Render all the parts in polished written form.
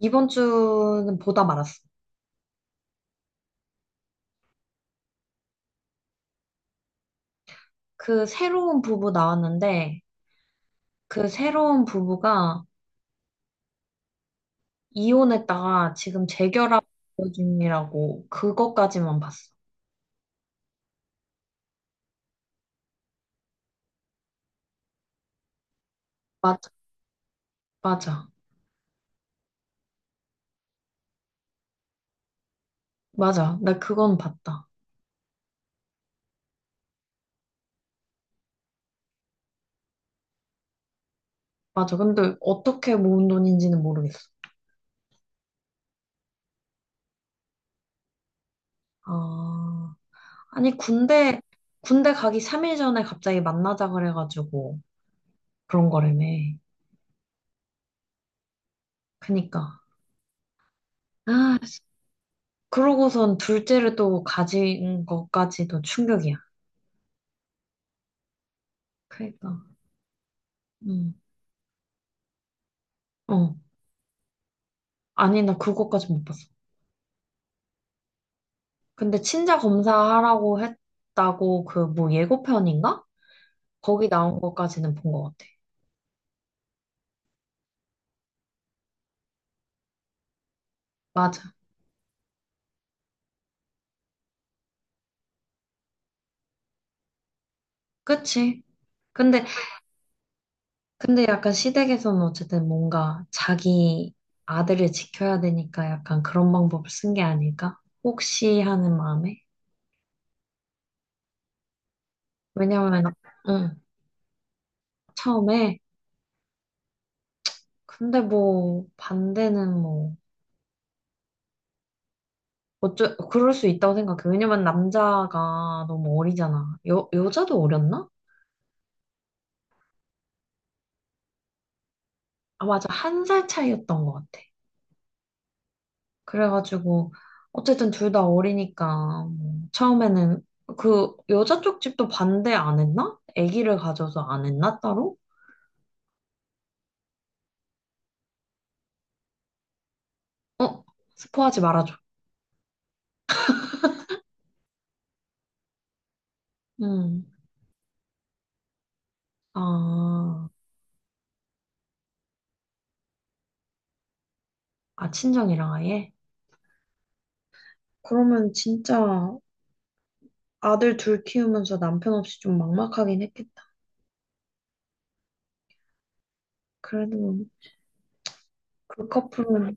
이번 주는 보다 말았어. 그 새로운 부부 나왔는데, 그 새로운 부부가 이혼했다가 지금 재결합 중이라고 그것까지만 봤어. 맞아, 맞아, 맞아. 나 그건 봤다. 맞아. 근데 어떻게 모은 돈인지는 모르겠어. 아, 아니, 군대 가기 3일 전에 갑자기 만나자 그래가지고 그런 거라며. 그니까. 아, 그러고선 둘째를 또 가진 것까지도 충격이야. 그니까. 음, 어. 아니, 나 그거까지 못 봤어. 근데 친자 검사하라고 했다고 그 뭐 예고편인가? 거기 나온 것까지는 본 것 같아. 맞아. 그치? 근데, 근데 약간 시댁에서는 어쨌든 뭔가 자기 아들을 지켜야 되니까 약간 그런 방법을 쓴 게 아닐까? 혹시 하는 마음에? 왜냐면, 응, 처음에. 근데 뭐, 반대는 뭐. 어쩌, 그럴 수 있다고 생각해. 왜냐면 남자가 너무 어리잖아. 여자도 어렸나? 아, 맞아. 한 살 차이였던 것 같아. 그래가지고, 어쨌든 둘 다 어리니까, 뭐 처음에는 그 여자 쪽 집도 반대 안 했나? 아기를 가져서 안 했나, 따로? 어, 스포하지 말아줘. 응. 아, 아, 친정이랑 아예? 그러면 진짜 아들 둘 키우면서 남편 없이 좀 막막하긴 했겠다. 그래도 그 커플은,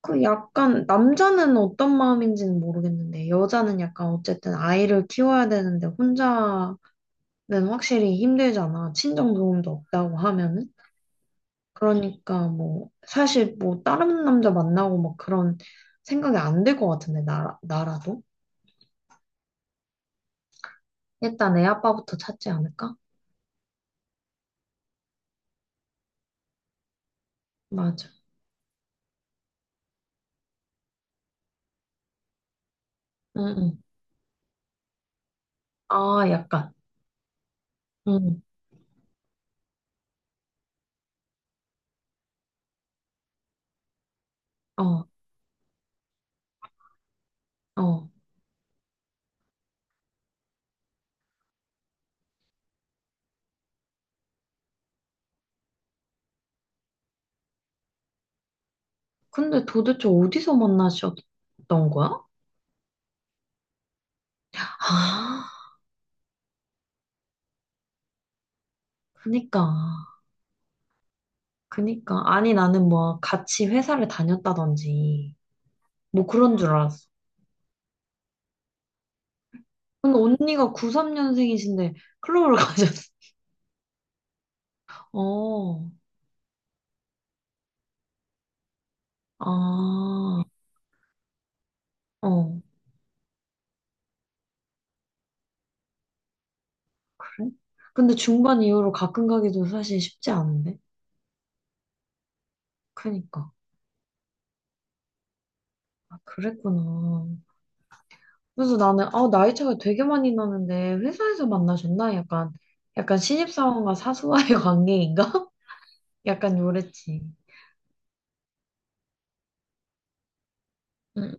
그 약간, 남자는 어떤 마음인지는 모르겠는데, 여자는 약간 어쨌든 아이를 키워야 되는데, 혼자 는 확실히 힘들잖아. 친정 도움도 없다고 하면은. 그러니까 뭐 사실 뭐 다른 남자 만나고 막 그런 생각이 안 들 것 같은데 나 나라도 일단 애 아빠부터 찾지 않을까? 맞아. 응응. 아 약간. 응. 어 어. 근데 도대체 어디서 만나셨던 거야? 아, 그니까. 아니 나는 뭐 같이 회사를 다녔다든지 뭐 그런 줄 알았어. 근데 언니가 93년생이신데 클럽을 가셨. 어, 아, 어, 그래? 근데 중반 이후로 가끔 가기도 사실 쉽지 않은데? 그니까. 아, 그랬구나. 그래서 나는, 아, 나이 차가 되게 많이 나는데, 회사에서 만나셨나? 약간, 약간 신입사원과 사수와의 관계인가? 약간 요랬지. 응,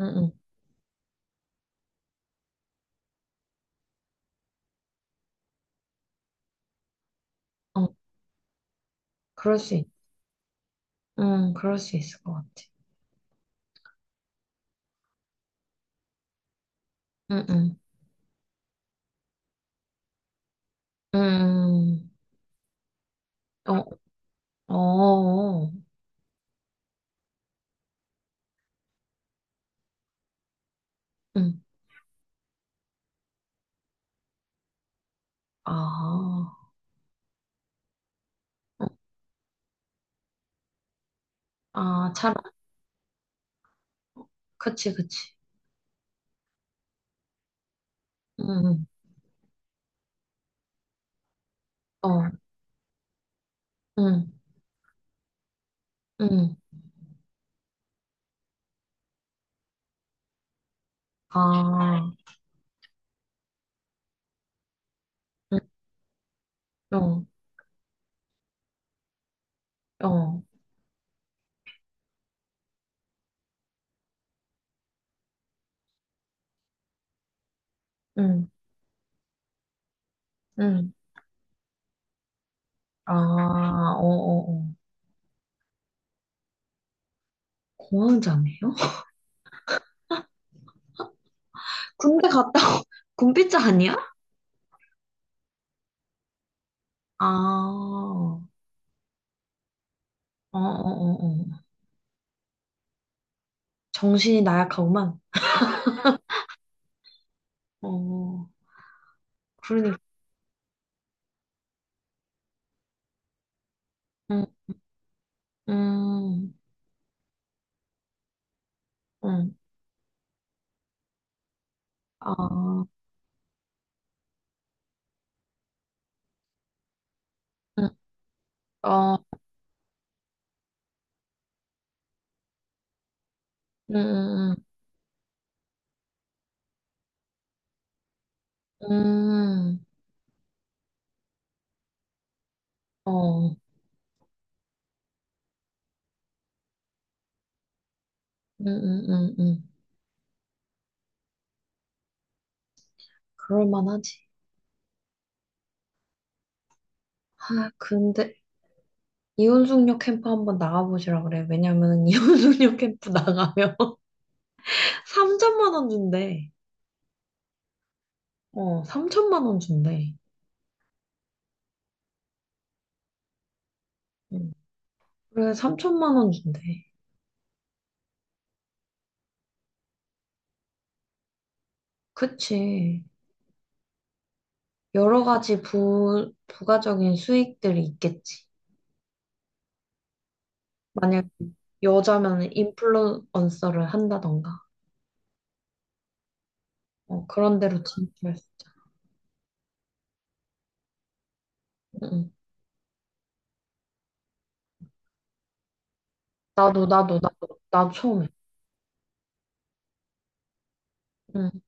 응, 응. 어, 그럴 수 있, 응, 그럴 수 있을 것 같아. 응, 응, 응, 응. 어, 어, 응. 아, 어, 아, 잘, 그치, 그치. 응. 응. 어, 응, 응, 아, 응, 어, 어, 응, 응, 아, 어, 어, 어. 공황장애요? 군대 갔다 오- 군비자 아니야? 아, 어, 어, 어, 어. 정신이 나약하구만. 어, 그러니, 응, 응, 응, 아, 응, 어, 응, 응, 응, 응, 어, 응, 응, 응, 응. 그럴만하지. 아, 근데. 이혼숙녀 캠프 한번 나가보시라 그래. 왜냐면 이혼숙녀 캠프 나가면 3천만 원 준대. 어, 3천만 원 준대. 응. 그래, 3천만 원 준대. 그치. 여러 가지 부가적인 수익들이 있겠지. 만약 여자면 인플루언서를 한다던가. 어, 그런 데로 진출했어. 응. 응. 나도, 나도, 나도, 나도 처음에. 응.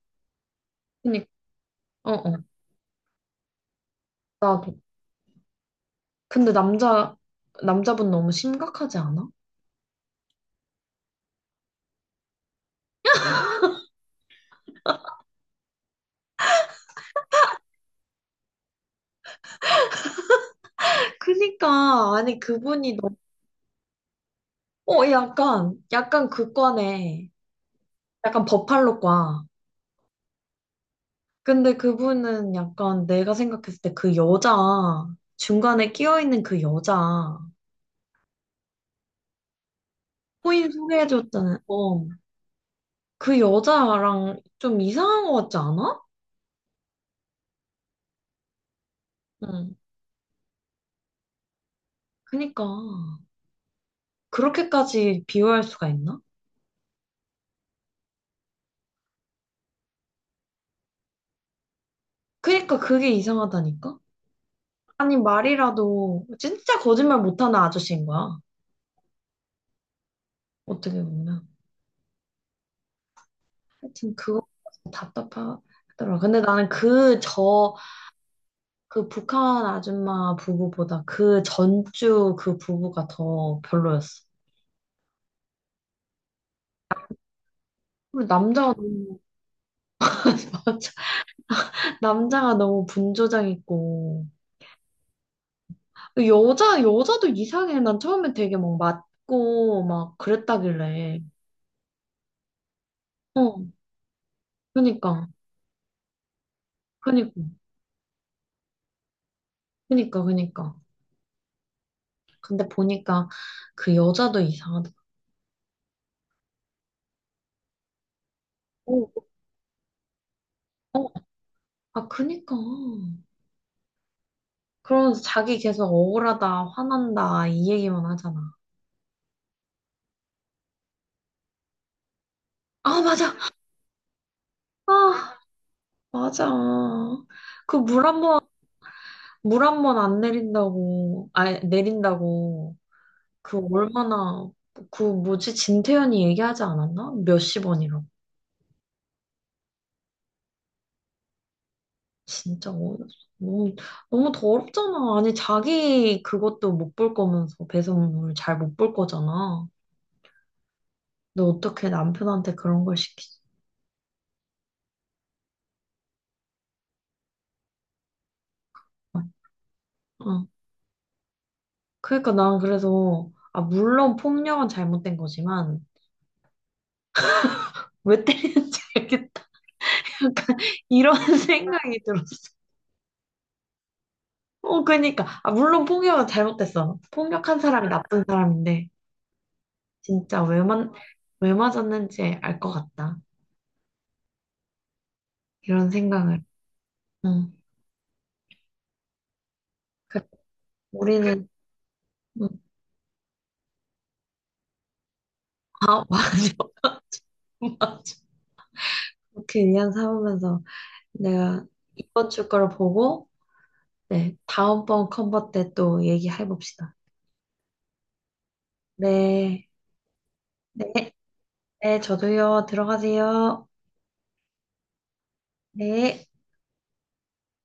그니까, 어, 어, 나도. 근데 남자분 너무 심각하지 않아? 그니까 아니 그분이 너무 어 약간 약간 그과네 약간 버팔로과 근데 그분은 약간 내가 생각했을 때 그 여자 중간에 끼어 있는 그 여자 코인 소개해줬잖아 어그 여자랑 좀 이상한 것 같지 않아? 응. 그니까 그렇게까지 비호할 수가 있나? 그니까 그게 이상하다니까. 아니 말이라도 진짜 거짓말 못하는 아저씨인 거야 어떻게 보면. 하여튼 그거 답답하더라. 근데 나는 그 저, 그 북한 아줌마 부부보다 그 전주 그 부부가 더 별로였어. 그리고 남자가 너무, 맞아. 남자가 너무 분조장 있고. 여자도 이상해. 난 처음에 되게 막 맞고 막 그랬다길래. 어, 그니까. 그니까. 그니까, 그니까. 근데 보니까 그 여자도 이상하더라고. 어, 어, 아, 그니까. 그러면서 자기 계속 억울하다, 화난다, 이 얘기만 하잖아. 아, 맞아. 아, 맞아. 그 물 한 번, 물 한번 안 내린다고, 아, 내린다고. 그 얼마나, 그 뭐지, 진태현이 얘기하지 않았나? 몇십 원이라고. 진짜 어이없어. 너무, 너무 더럽잖아. 아니, 자기 그것도 못 볼 거면서 배송물 잘 못 볼 거잖아. 너 어떻게 남편한테 그런 걸 시키지? 응. 그러니까 난 그래서 아 물론 폭력은 잘못된 거지만 왜 때리는지 알겠다. 약간 이런 생각이 들었어. 어 그러니까 아 물론 폭력은 잘못됐어. 폭력한 사람이 나쁜 사람인데 진짜 왜만 왜 맞았는지 알 것 같다. 이런 생각을. 응. 그 우리는 응. 아 맞아. 맞아. 그렇게 위안 삼으면서 내가 이번 주 거를 보고 네 다음번 컨버 때 또 얘기해 봅시다. 네. 네. 네, 저도요. 들어가세요. 네.